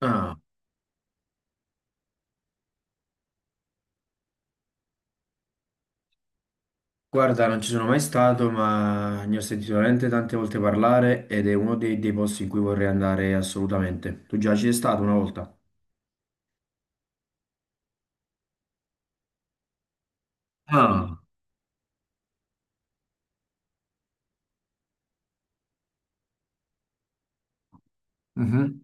Ah, guarda, non ci sono mai stato, ma ne ho sentito veramente tante volte parlare ed è uno dei posti in cui vorrei andare assolutamente. Tu già ci sei stato una volta? Ah, mhm.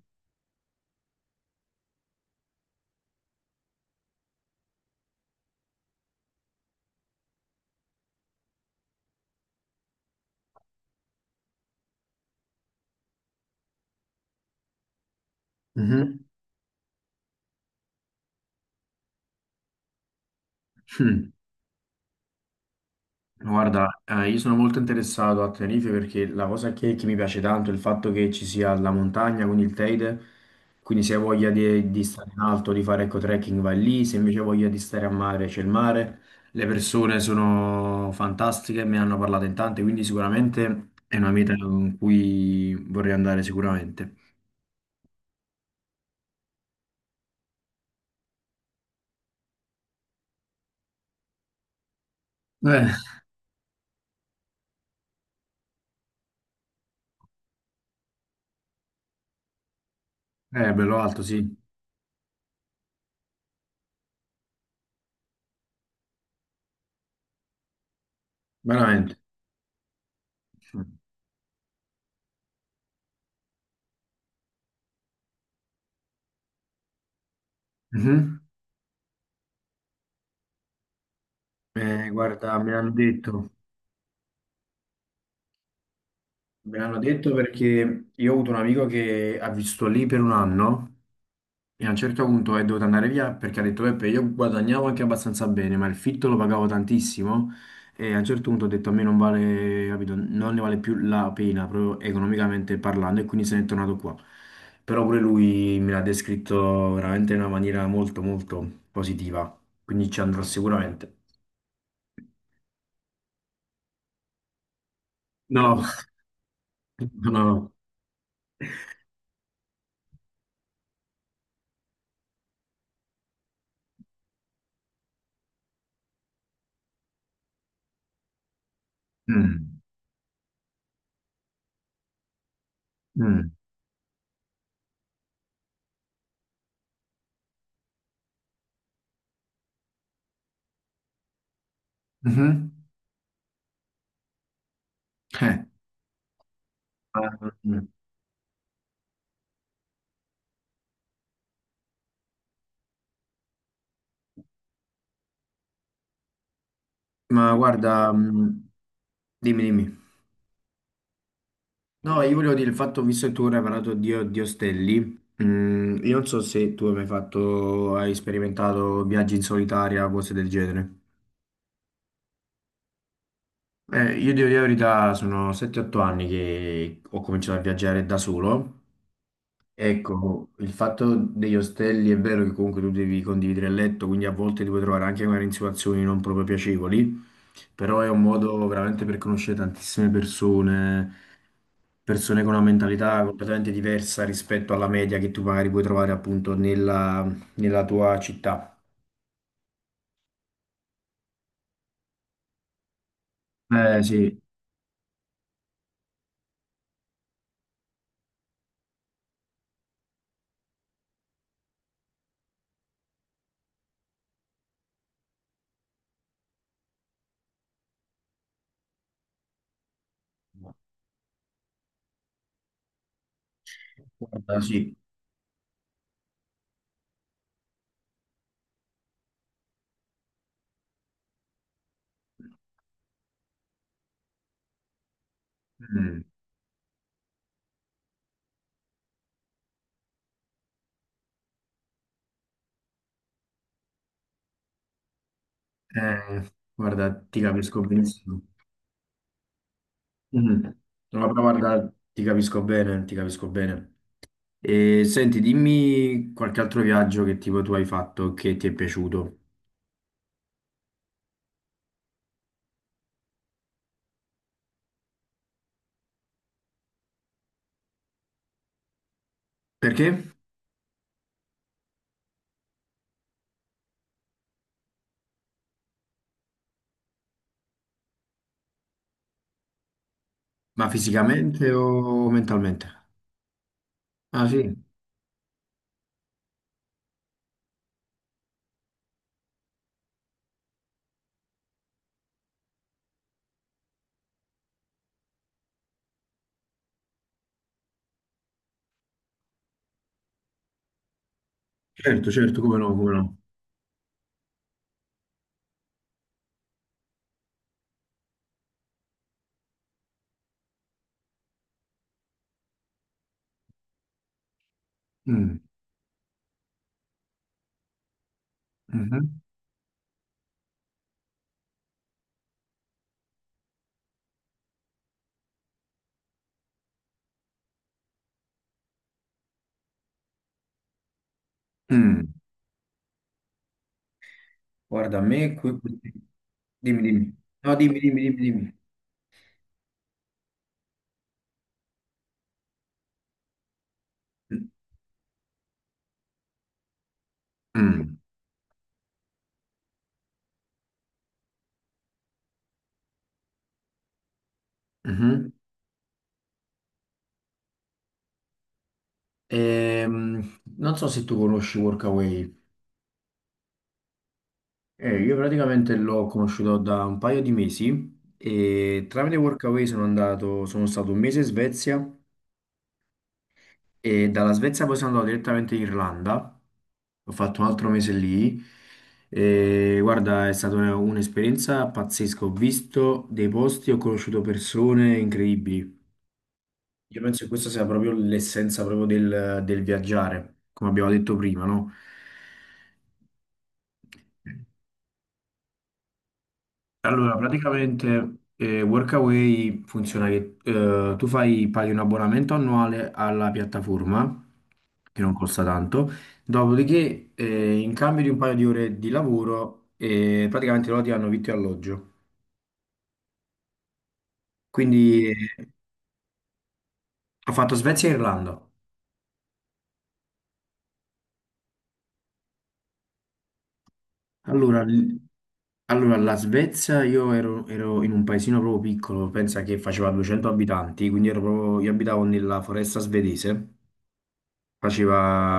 Mhm. Guarda, io sono molto interessato a Tenerife perché la cosa che mi piace tanto è il fatto che ci sia la montagna, quindi il Teide, quindi se hai voglia di stare in alto, di fare ecco trekking vai lì, se invece hai voglia di stare a mare c'è il mare, le persone sono fantastiche, me ne hanno parlato in tante, quindi sicuramente è una meta con cui vorrei andare sicuramente. Eh, è bello alto, sì, veramente. Mhm. Guarda, mi hanno detto. Me l'hanno detto perché io ho avuto un amico che ha vissuto lì per un anno e a un certo punto è dovuto andare via perché ha detto Peppe, io guadagnavo anche abbastanza bene, ma il fitto lo pagavo tantissimo e a un certo punto ho detto a me non vale, capito, non ne vale più la pena proprio economicamente parlando e quindi se n'è tornato qua. Però pure lui me l'ha descritto veramente in una maniera molto molto positiva, quindi ci andrò sicuramente. No, no, no. Mm, mm, mhm. Eh. Ah, mm. Ma guarda, dimmi, dimmi. No, io volevo dire il fatto, visto che tu ora hai parlato di ostelli, io non so se tu hai mai fatto, hai sperimentato viaggi in solitaria, cose del genere. Io devo dire la verità, sono 7-8 anni che ho cominciato a viaggiare da solo. Ecco, il fatto degli ostelli è vero che comunque tu devi condividere il letto, quindi a volte ti puoi trovare anche magari in situazioni non proprio piacevoli, però è un modo veramente per conoscere tantissime persone, persone con una mentalità completamente diversa rispetto alla media che tu magari puoi trovare appunto nella, nella tua città. Eh sì, guarda, sì. Mm. Guarda, ti capisco benissimo. Mm. No, però guarda, ti capisco bene, ti capisco bene. E senti, dimmi qualche altro viaggio che tipo tu hai fatto che ti è piaciuto. Perché? Ma fisicamente o mentalmente? Ah sì, certo, certo, come no, come no. Mm, mhm, mm. Guarda, a me qui... Dimmi, dimmi. No, dimmi, dimmi, dimmi, dimmi. Mm, mhm. Non so se tu conosci Workaway. Io praticamente l'ho conosciuto da un paio di mesi e tramite Workaway sono andato, sono stato un mese in Svezia. E dalla Svezia poi sono andato direttamente in Irlanda, ho fatto un altro mese lì e guarda, è stata un'esperienza pazzesca, ho visto dei posti, ho conosciuto persone incredibili. Io penso che questa sia proprio l'essenza proprio del viaggiare, come abbiamo detto prima, no? Allora, praticamente Workaway funziona che tu fai, paghi un abbonamento annuale alla piattaforma, che non costa tanto, dopodiché in cambio di un paio di ore di lavoro praticamente loro ti hanno vitto e alloggio. Quindi ho fatto Svezia e Irlanda. Allora, la Svezia io ero in un paesino proprio piccolo, pensa che faceva 200 abitanti, quindi ero proprio- io abitavo nella foresta svedese. Faceva,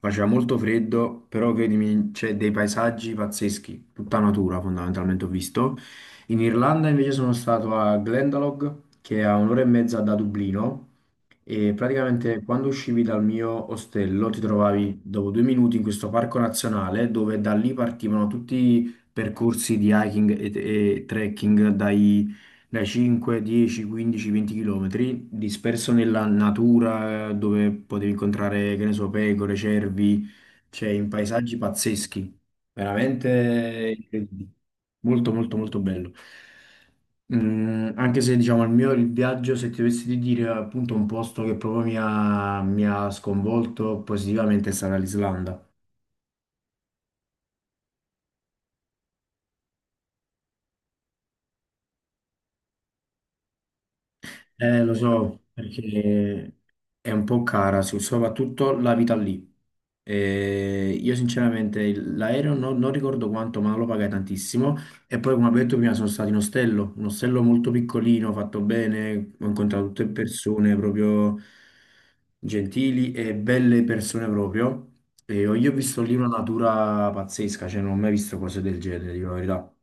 faceva molto freddo, però credimi, c'è dei paesaggi pazzeschi, tutta natura fondamentalmente ho visto. In Irlanda invece sono stato a Glendalough, che è a un'ora e mezza da Dublino, e praticamente quando uscivi dal mio ostello ti trovavi dopo due minuti in questo parco nazionale dove da lì partivano tutti i percorsi di hiking e trekking dai 5, 10, 15, 20 km, disperso nella natura dove potevi incontrare, che ne so, pecore, cervi, cioè in paesaggi pazzeschi, veramente incredibili. Molto, molto, molto bello. Mm, anche se diciamo il mio il viaggio, se ti dovessi di dire appunto un posto che proprio mi ha sconvolto positivamente sarà l'Islanda. Lo so, perché è un po' cara, soprattutto la vita lì. Io sinceramente l'aereo non ricordo quanto, ma lo pagai tantissimo. E poi, come ho detto prima, sono stato in ostello, un ostello molto piccolino, fatto bene, ho incontrato tutte persone proprio gentili e belle persone proprio. Io ho visto lì una natura pazzesca, cioè non ho mai visto cose del genere, dico la verità.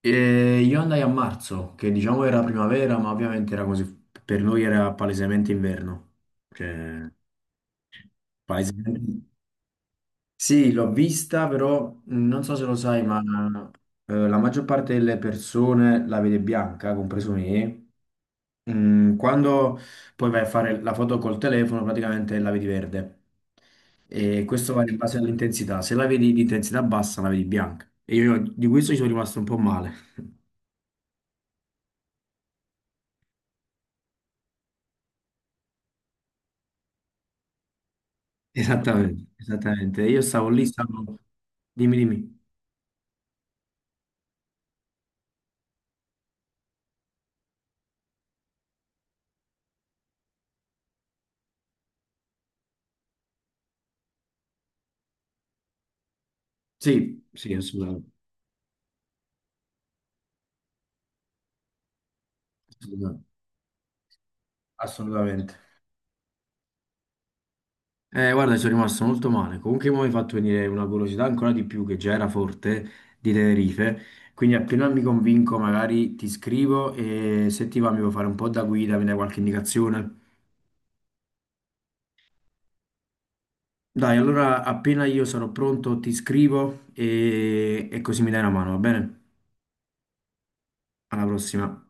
E io andai a marzo, che diciamo era primavera, ma ovviamente era così, per noi era palesemente inverno. Cioè, palesemente... Sì, l'ho vista, però non so se lo sai, ma la maggior parte delle persone la vede bianca, compreso me. Mm, quando poi vai a fare la foto col telefono, praticamente la vedi verde. E questo va in base all'intensità. Se la vedi di intensità bassa, la vedi bianca. E io di questo ci sono rimasto un po' male. Esattamente, esattamente. Io stavo lì, stavo... Dimmi, dimmi. Sì, sì, assolutamente. Assolutamente. Assolutamente. Guarda, sono rimasto molto male. Comunque mi hai fatto venire una curiosità ancora di più, che già era forte, di Tenerife. Quindi appena mi convinco, magari ti scrivo e se ti va mi puoi fare un po' da guida, mi dai qualche indicazione. Dai, allora appena io sarò pronto ti scrivo e così mi dai una mano, va bene? Alla prossima.